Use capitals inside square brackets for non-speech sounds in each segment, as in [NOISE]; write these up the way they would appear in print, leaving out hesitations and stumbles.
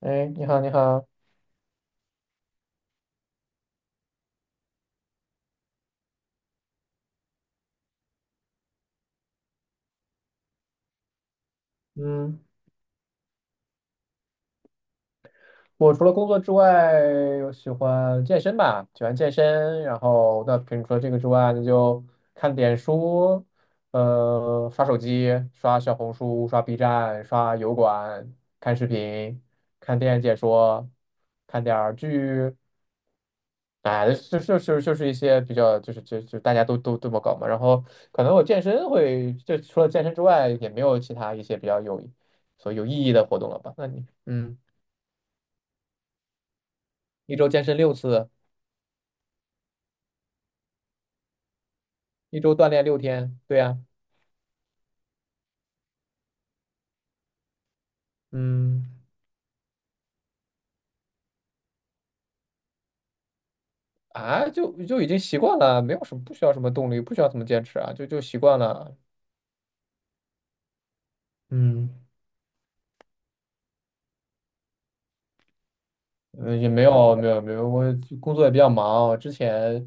哎，你好，你好，嗯，我除了工作之外，我喜欢健身吧，喜欢健身。然后，除了这个之外，那就看点书，刷手机，刷小红书，刷 B 站，刷油管，看视频，看电影解说，看点儿剧，哎，就是一些比较，就是大家都这么搞嘛。然后，可能我健身会，就除了健身之外，也没有其他一些比较有所以有意义的活动了吧？那你，嗯。一周健身6次，一周锻炼6天，对呀，嗯，啊，就已经习惯了，没有什么不需要什么动力，不需要怎么坚持啊，就习惯了，嗯，也没有，我工作也比较忙，我之前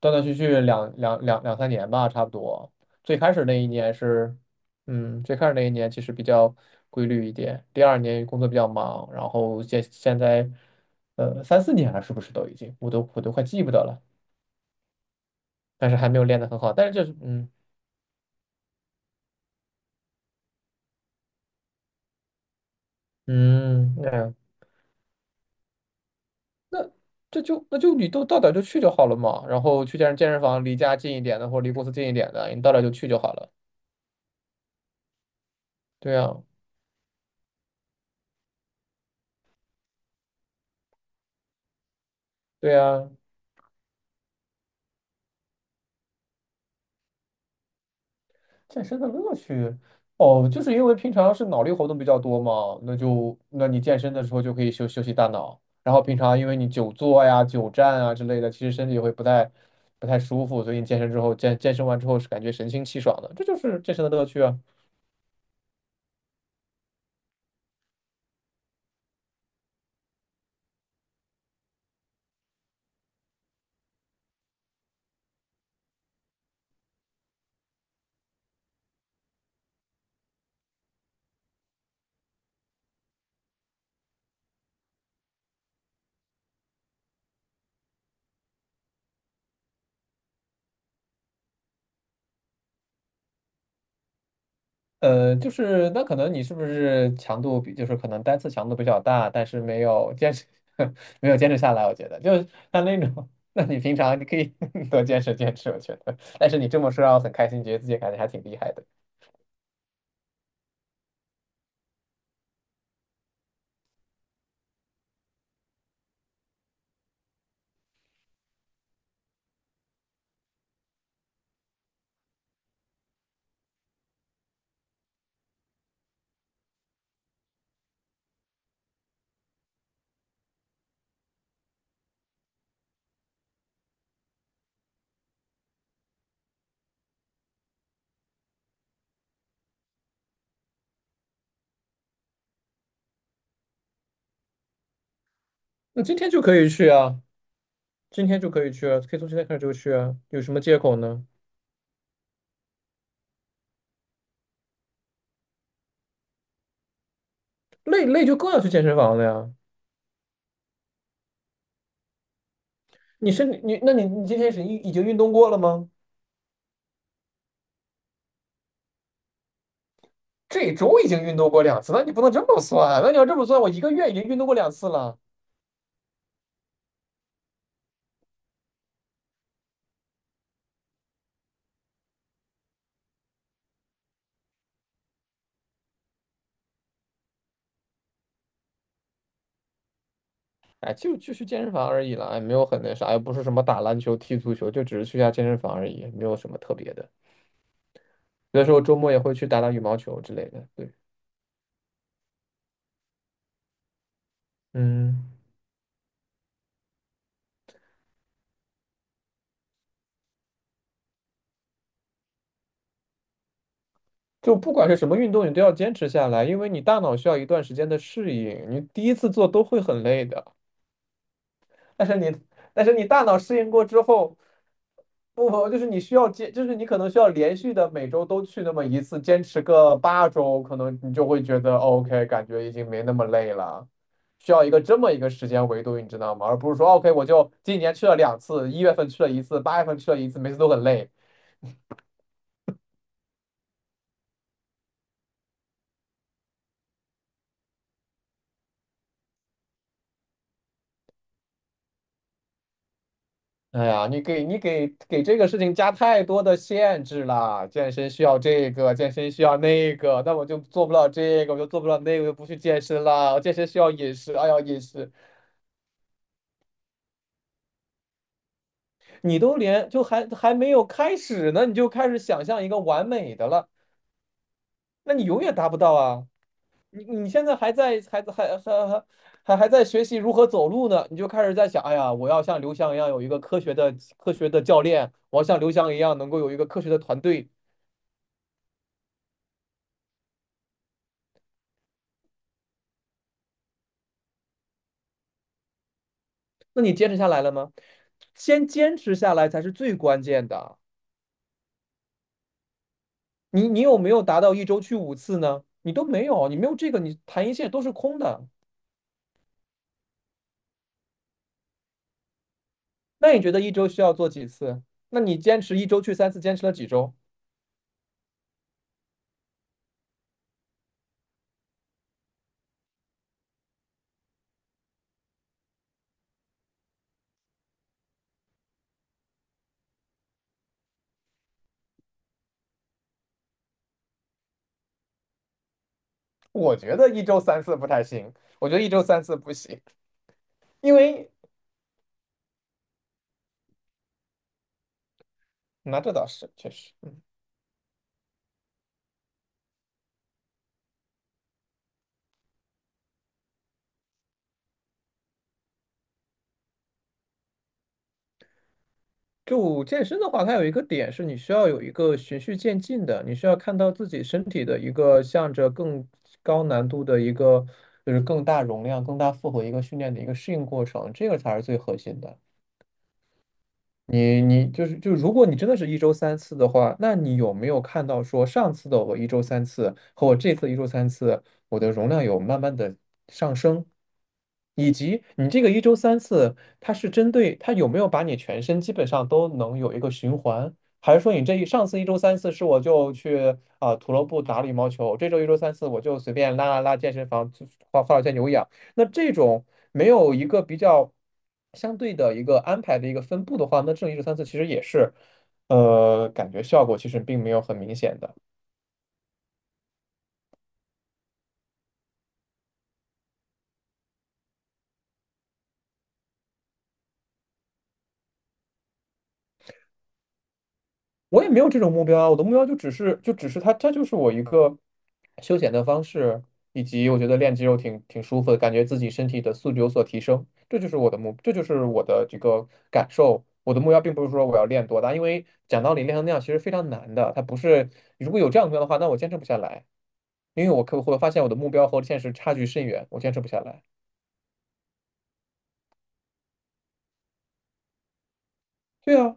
断断续续两三年吧，差不多，最开始那一年是，最开始那一年其实比较规律一点，第2年工作比较忙，然后现在，三四年了，是不是都已经，我都快记不得了。但是还没有练得很好。但是就是，嗯，嗯，那样那就你都到点儿就去就好了嘛。然后去健身房，离家近一点的或者离公司近一点的，你到点儿就去就好了。对呀，对呀，健身的乐趣哦，就是因为平常是脑力活动比较多嘛，那你健身的时候就可以休息大脑。然后平常因为你久坐呀、久站啊之类的，其实身体会不太舒服，所以你健身完之后是感觉神清气爽的，这就是健身的乐趣啊。呃，就是那可能你是不是强度比，就是可能单次强度比较大，但是没有坚持，[LAUGHS] 没有坚持下来。我觉得就是像那种，那你平常你可以 [LAUGHS] 多坚持坚持，我觉得。但是你这么说让我很开心，觉得自己感觉还挺厉害的。那今天就可以去啊，今天就可以去啊，可以从现在开始就去啊，有什么借口呢？累累就更要去健身房了呀。你是你，那你今天是已经运动过了吗？这周已经运动过两次，那你不能这么算啊。那你要这么算，我一个月已经运动过两次了。哎，就去健身房而已了，哎，没有很那啥，也不是什么打篮球、踢足球，就只是去下健身房而已，没有什么特别的。有的时候周末也会去打打羽毛球之类的。对，嗯，就不管是什么运动，你都要坚持下来，因为你大脑需要一段时间的适应，你第一次做都会很累的。但是你但是你大脑适应过之后，不就是你需要坚，就是你可能需要连续的每周都去那么一次，坚持个8周，可能你就会觉得哦 OK，感觉已经没那么累了。需要这么一个时间维度，你知道吗？而不是说哦 OK，我就今年去了两次，1月份去了一次，8月份去了一次，每次都很累，哎呀，你给这个事情加太多的限制了。健身需要这个，健身需要那个，那我就做不了这个，我就做不了那个，我就不去健身了。健身需要饮食，哎呀，饮食，你都连就还还没有开始呢，你就开始想象一个完美的了，那你永远达不到啊。你现在还还在学习如何走路呢，你就开始在想，哎呀，我要像刘翔一样有一个科学的教练，我要像刘翔一样能够有一个科学的团队。那你坚持下来了吗？先坚持下来才是最关键的。你有没有达到一周去5次呢？你都没有，你没有这个，你谈一切都是空的。那你觉得一周需要做几次？那你坚持一周去三次，坚持了几周？我觉得一周三次不太行，我觉得一周三次不行，因为那这倒是确实。就健身的话，它有一个点是你需要有一个循序渐进的，你需要看到自己身体的一个向着更高难度的一个，就是更大容量、更大负荷一个训练的一个适应过程，这个才是最核心的。你就是如果你真的是一周三次的话，那你有没有看到说上次的我一周三次和我这次一周三次，我的容量有慢慢的上升？以及你这个一周三次，它是针对它有没有把你全身基本上都能有一个循环，还是说你上次一周三次是我就去啊、土乐部打了羽毛球，这周一周三次我就随便拉拉健身房，就画画了些有氧，那这种没有一个比较相对的一个安排的一个分布的话，那这种一周三次其实也是，感觉效果其实并没有很明显的。我也没有这种目标啊，我的目标就只是它，它就是我一个休闲的方式，以及我觉得练肌肉挺舒服的，感觉自己身体的素质有所提升，这就是我的这个感受。我的目标并不是说我要练多大，因为讲道理练成那样其实非常难的，它不是如果有这样的目标的话，那我坚持不下来，因为我会发现我的目标和现实差距甚远，我坚持不下来。对啊，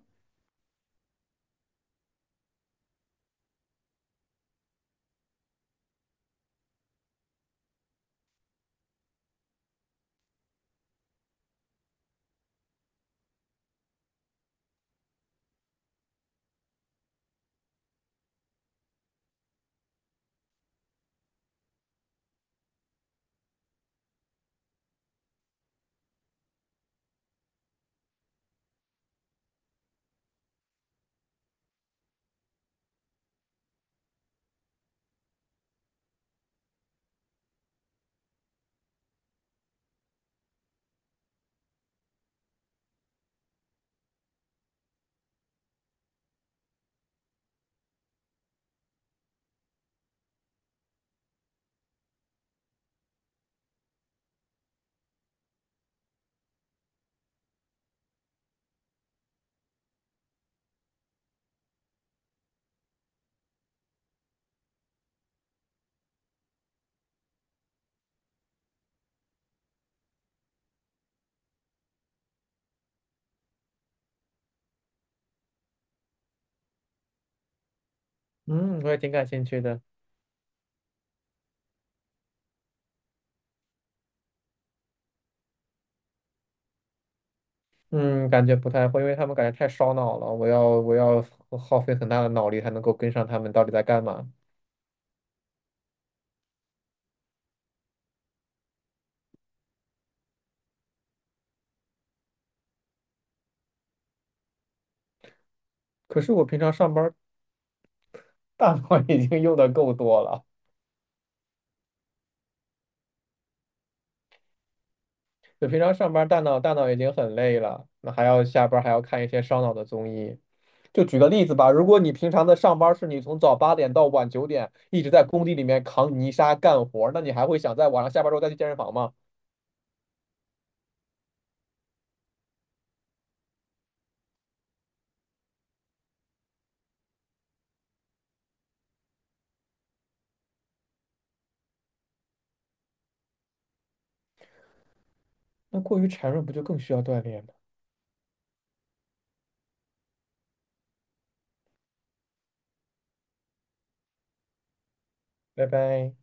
嗯，我也挺感兴趣的。嗯，感觉不太会，因为他们感觉太烧脑了，我要耗费很大的脑力才能够跟上他们到底在干嘛。可是我平常上班儿大脑 [LAUGHS] 已经用的够多了，就平常上班儿大脑已经很累了，那还要下班儿还要看一些烧脑的综艺。就举个例子吧，如果你平常的上班儿是你从早8点到晚9点一直在工地里面扛泥沙干活儿那你还会想在晚上下班儿之后再去健身房吗？那过于孱弱不就更需要锻炼吗？拜拜。